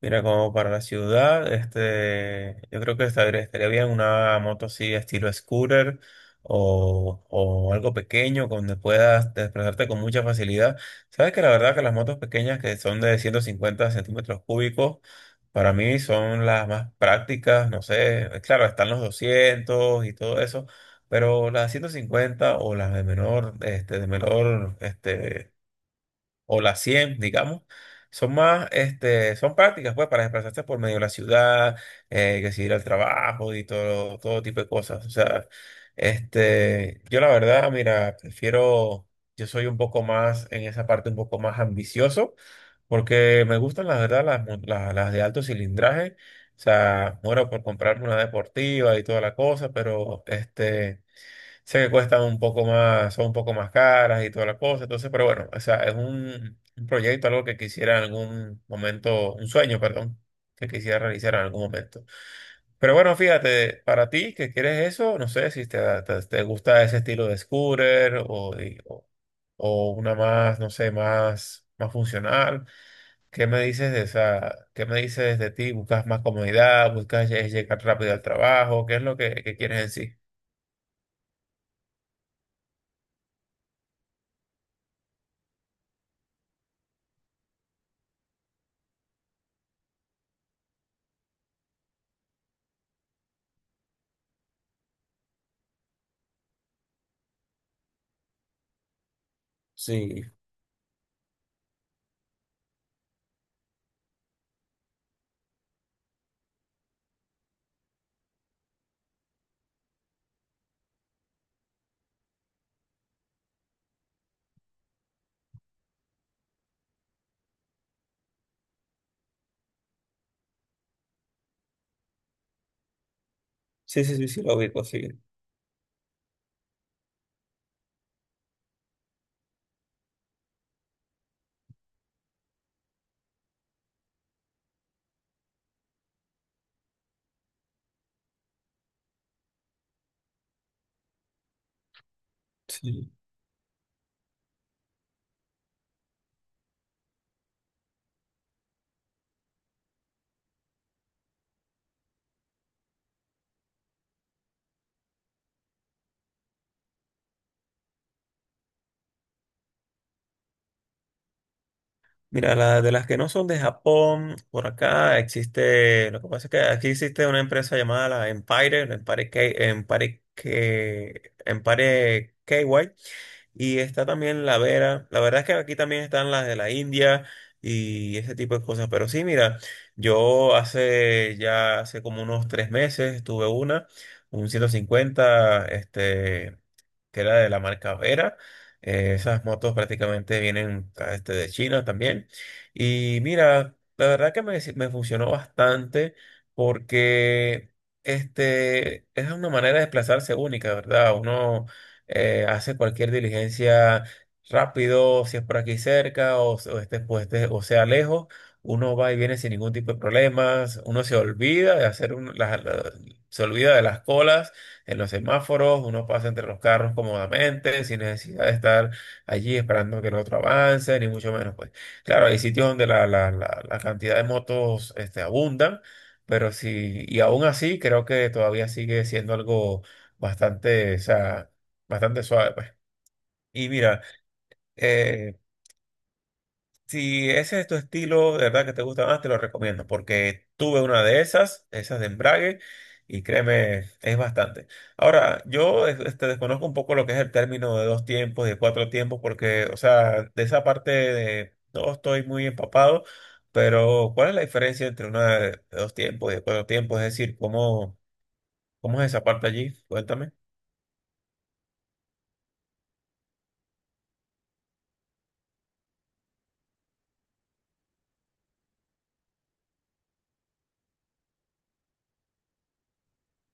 Mira, como para la ciudad, yo creo que estaría bien una moto así estilo scooter o algo pequeño donde puedas desplazarte con mucha facilidad. Sabes que la verdad que las motos pequeñas que son de 150 centímetros cúbicos, para mí son las más prácticas, no sé, claro, están los 200 y todo eso, pero las 150 o las de menor, o las 100 digamos, son más, son prácticas, pues, para desplazarse por medio de la ciudad, que si ir al trabajo y todo tipo de cosas. O sea, yo la verdad, mira, prefiero, yo soy un poco más, en esa parte, un poco más ambicioso, porque me gustan, la verdad, las de alto cilindraje. O sea, muero por comprarme una deportiva y toda la cosa, pero sé que cuestan un poco más, son un poco más caras y toda la cosa, entonces, pero bueno, o sea, es un proyecto, algo que quisiera en algún momento, un sueño, perdón, que quisiera realizar en algún momento. Pero bueno, fíjate, para ti que quieres eso, no sé si te gusta ese estilo de scooter o o, una más, no sé, más funcional. ¿Qué me dices de esa, qué me dices de ti? ¿Buscas más comodidad? ¿Buscas llegar rápido al trabajo? ¿Qué es lo que quieres en sí? Sí. Sí, sí, sí, sí, lo ubico, sí. Sí. Mira, la, de las que no son de Japón, por acá existe, lo que pasa es que aquí existe una empresa llamada la Empire K, Empire KY, y está también la Vera. La verdad es que aquí también están las de la India y ese tipo de cosas, pero sí, mira, yo hace ya, hace como unos tres meses tuve una, un 150 que era de la marca Vera. Esas motos prácticamente vienen ah, de China también. Y mira, la verdad que me, si- me funcionó bastante porque es una manera de desplazarse única, ¿verdad? Uno hace cualquier diligencia rápido, si es por aquí cerca o, s- o, este, pues, este- o sea lejos, uno va y viene sin ningún tipo de problemas, uno se olvida de hacer un- la- la- se olvida de las colas en los semáforos, uno pasa entre los carros cómodamente, sin necesidad de estar allí esperando que el otro avance, ni mucho menos, pues. Claro, hay sitios donde la cantidad de motos abundan, pero sí, y aún así creo que todavía sigue siendo algo bastante, o sea, bastante suave, pues. Y mira, eh, si ese es tu estilo, de verdad que te gusta más, te lo recomiendo, porque tuve una de esas, esas de embrague, y créeme, es bastante. Ahora, yo desconozco un poco lo que es el término de dos tiempos, de cuatro tiempos, porque, o sea, de esa parte de, no estoy muy empapado, pero ¿cuál es la diferencia entre una de dos tiempos y de cuatro tiempos? Es decir, ¿cómo, cómo es esa parte allí? Cuéntame.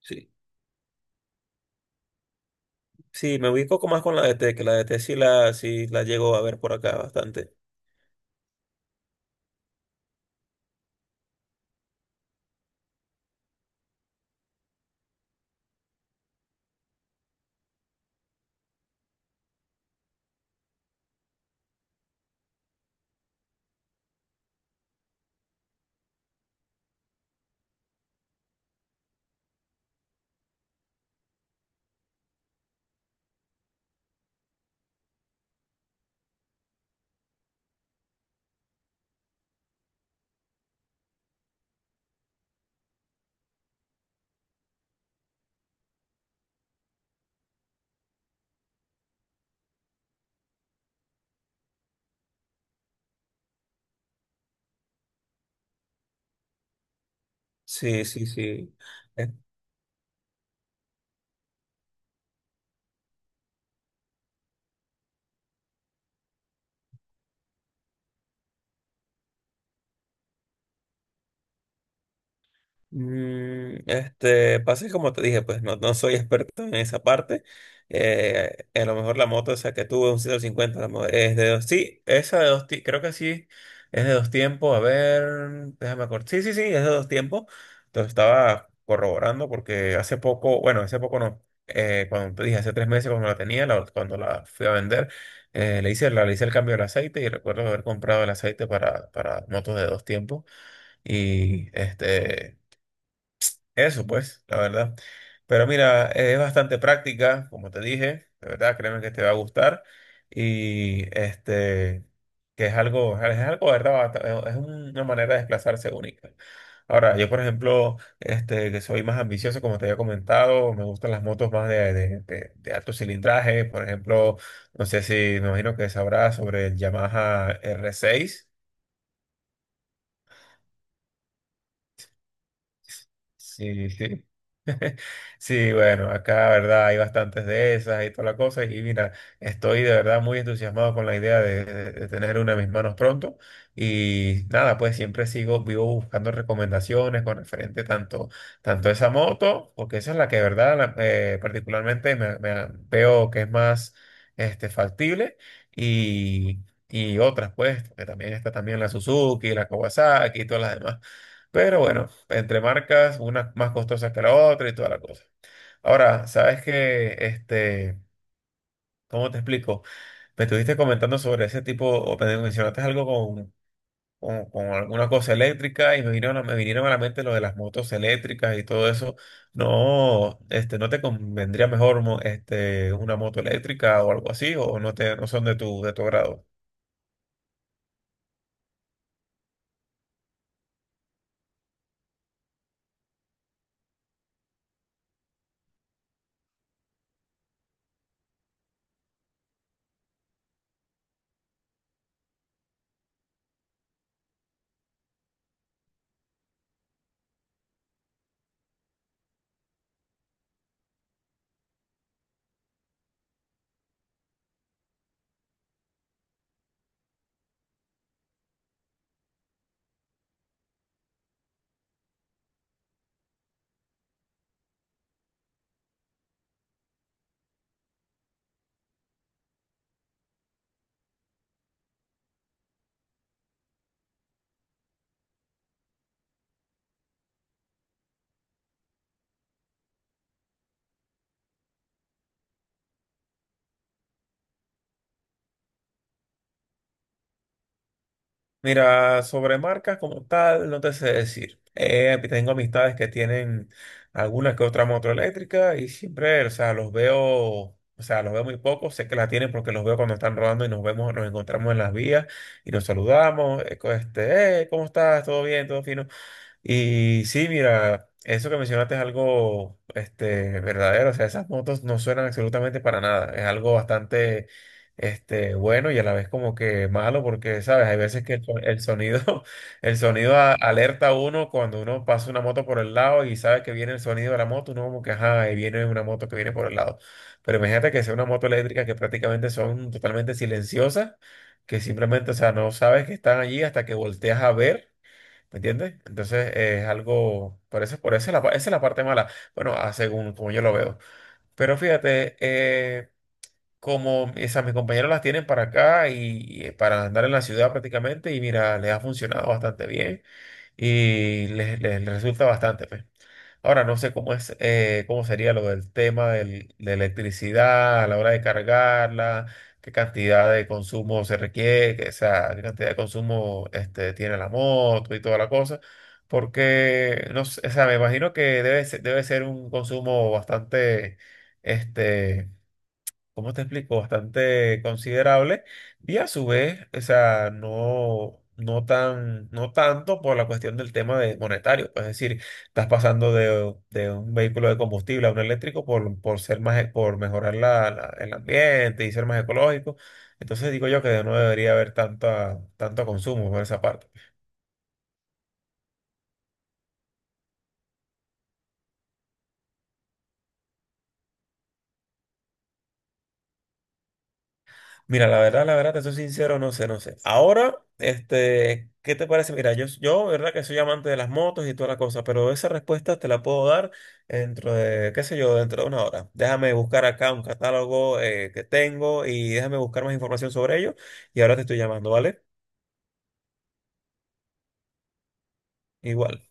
Sí, sí, me ubico más con la D T, que la D T sí sí la llego a ver por acá bastante. Sí, sí, sí. Eh, pasa que como te dije, pues no soy experto en esa parte. A lo mejor la moto esa que tuve, un 150, es de dos, sí, esa de dos, ti- creo que sí, es de dos tiempos, a ver, déjame acordar. Sí, sí, sí, es de dos tiempos. Entonces estaba corroborando porque hace poco, bueno, hace poco no, cuando te dije, hace tres meses cuando la tenía, cuando la fui a vender, le le hice el cambio del aceite y recuerdo haber comprado el aceite para motos de dos tiempos. Y eso pues, la verdad. Pero mira, es bastante práctica, como te dije, de verdad, créeme que te va a gustar. Y que es algo, ¿verdad? Es una manera de desplazarse única. Ahora, yo por ejemplo, que soy más ambicioso, como te había comentado, me gustan las motos más de alto cilindraje. Por ejemplo, no sé si, me imagino que sabrás sobre el Yamaha R6. Sí, sí. Sí, bueno, acá, verdad, hay bastantes de esas y toda la cosa. Y mira, estoy de verdad muy entusiasmado con la idea de tener una en mis manos pronto. Y nada, pues siempre sigo, vivo buscando recomendaciones con referente tanto, tanto a esa moto, porque esa es la que, de verdad, particularmente veo que es más factible. Y, y otras, pues, porque también está también la Suzuki, la Kawasaki y todas las demás. Pero bueno, entre marcas, una más costosa que la otra y toda la cosa. Ahora, ¿sabes que ¿cómo te explico? Me estuviste comentando sobre ese tipo, o me mencionaste algo con alguna cosa eléctrica y me me vinieron a la mente lo de las motos eléctricas y todo eso. No, ¿no te convendría mejor una moto eléctrica o algo así? ¿O no no son de de tu agrado? Mira, sobre marcas como tal, no te sé decir. Tengo amistades que tienen alguna que otra moto eléctrica y siempre, o sea, los veo, o sea, los veo muy poco. Sé que la tienen porque los veo cuando están rodando y nos vemos, nos encontramos en las vías y nos saludamos. ¿Cómo estás? ¿Todo bien? ¿Todo fino? Y sí, mira, eso que mencionaste es algo verdadero. O sea, esas motos no suenan absolutamente para nada. Es algo bastante bueno y a la vez como que malo porque, ¿sabes? Hay veces que el sonido, alerta a uno cuando uno pasa una moto por el lado y sabe que viene el sonido de la moto, uno como que, ajá, ahí viene una moto que viene por el lado. Pero imagínate que sea una moto eléctrica que prácticamente son totalmente silenciosas, que simplemente, o sea, no sabes que están allí hasta que volteas a ver. ¿Me entiendes? Entonces es algo, por eso es esa es la parte mala, bueno, a según como yo lo veo. Pero fíjate, como esas, mis compañeros las tienen para acá y, y para andar en la ciudad prácticamente y mira, les ha funcionado bastante bien y les resulta bastante, pues. Ahora no sé cómo es, cómo sería lo del tema de electricidad a la hora de cargarla, qué cantidad de consumo se requiere, o sea, qué cantidad de consumo tiene la moto y toda la cosa, porque no sé, o sea, me imagino que debe ser un consumo bastante, este, bastante considerable y a su vez, o sea, no tan, no tanto por la cuestión del tema de monetario, pues, es decir, estás pasando de un vehículo de combustible a un eléctrico por ser más, por mejorar el ambiente y ser más ecológico. Entonces digo yo que no debería haber tanto consumo por esa parte. Mira, la verdad, te soy sincero, no sé, no sé. Ahora, ¿qué te parece? Mira, yo, verdad que soy amante de las motos y toda la cosa, pero esa respuesta te la puedo dar dentro de, qué sé yo, dentro de una hora. Déjame buscar acá un catálogo que tengo y déjame buscar más información sobre ello y ahora te estoy llamando, ¿vale? Igual.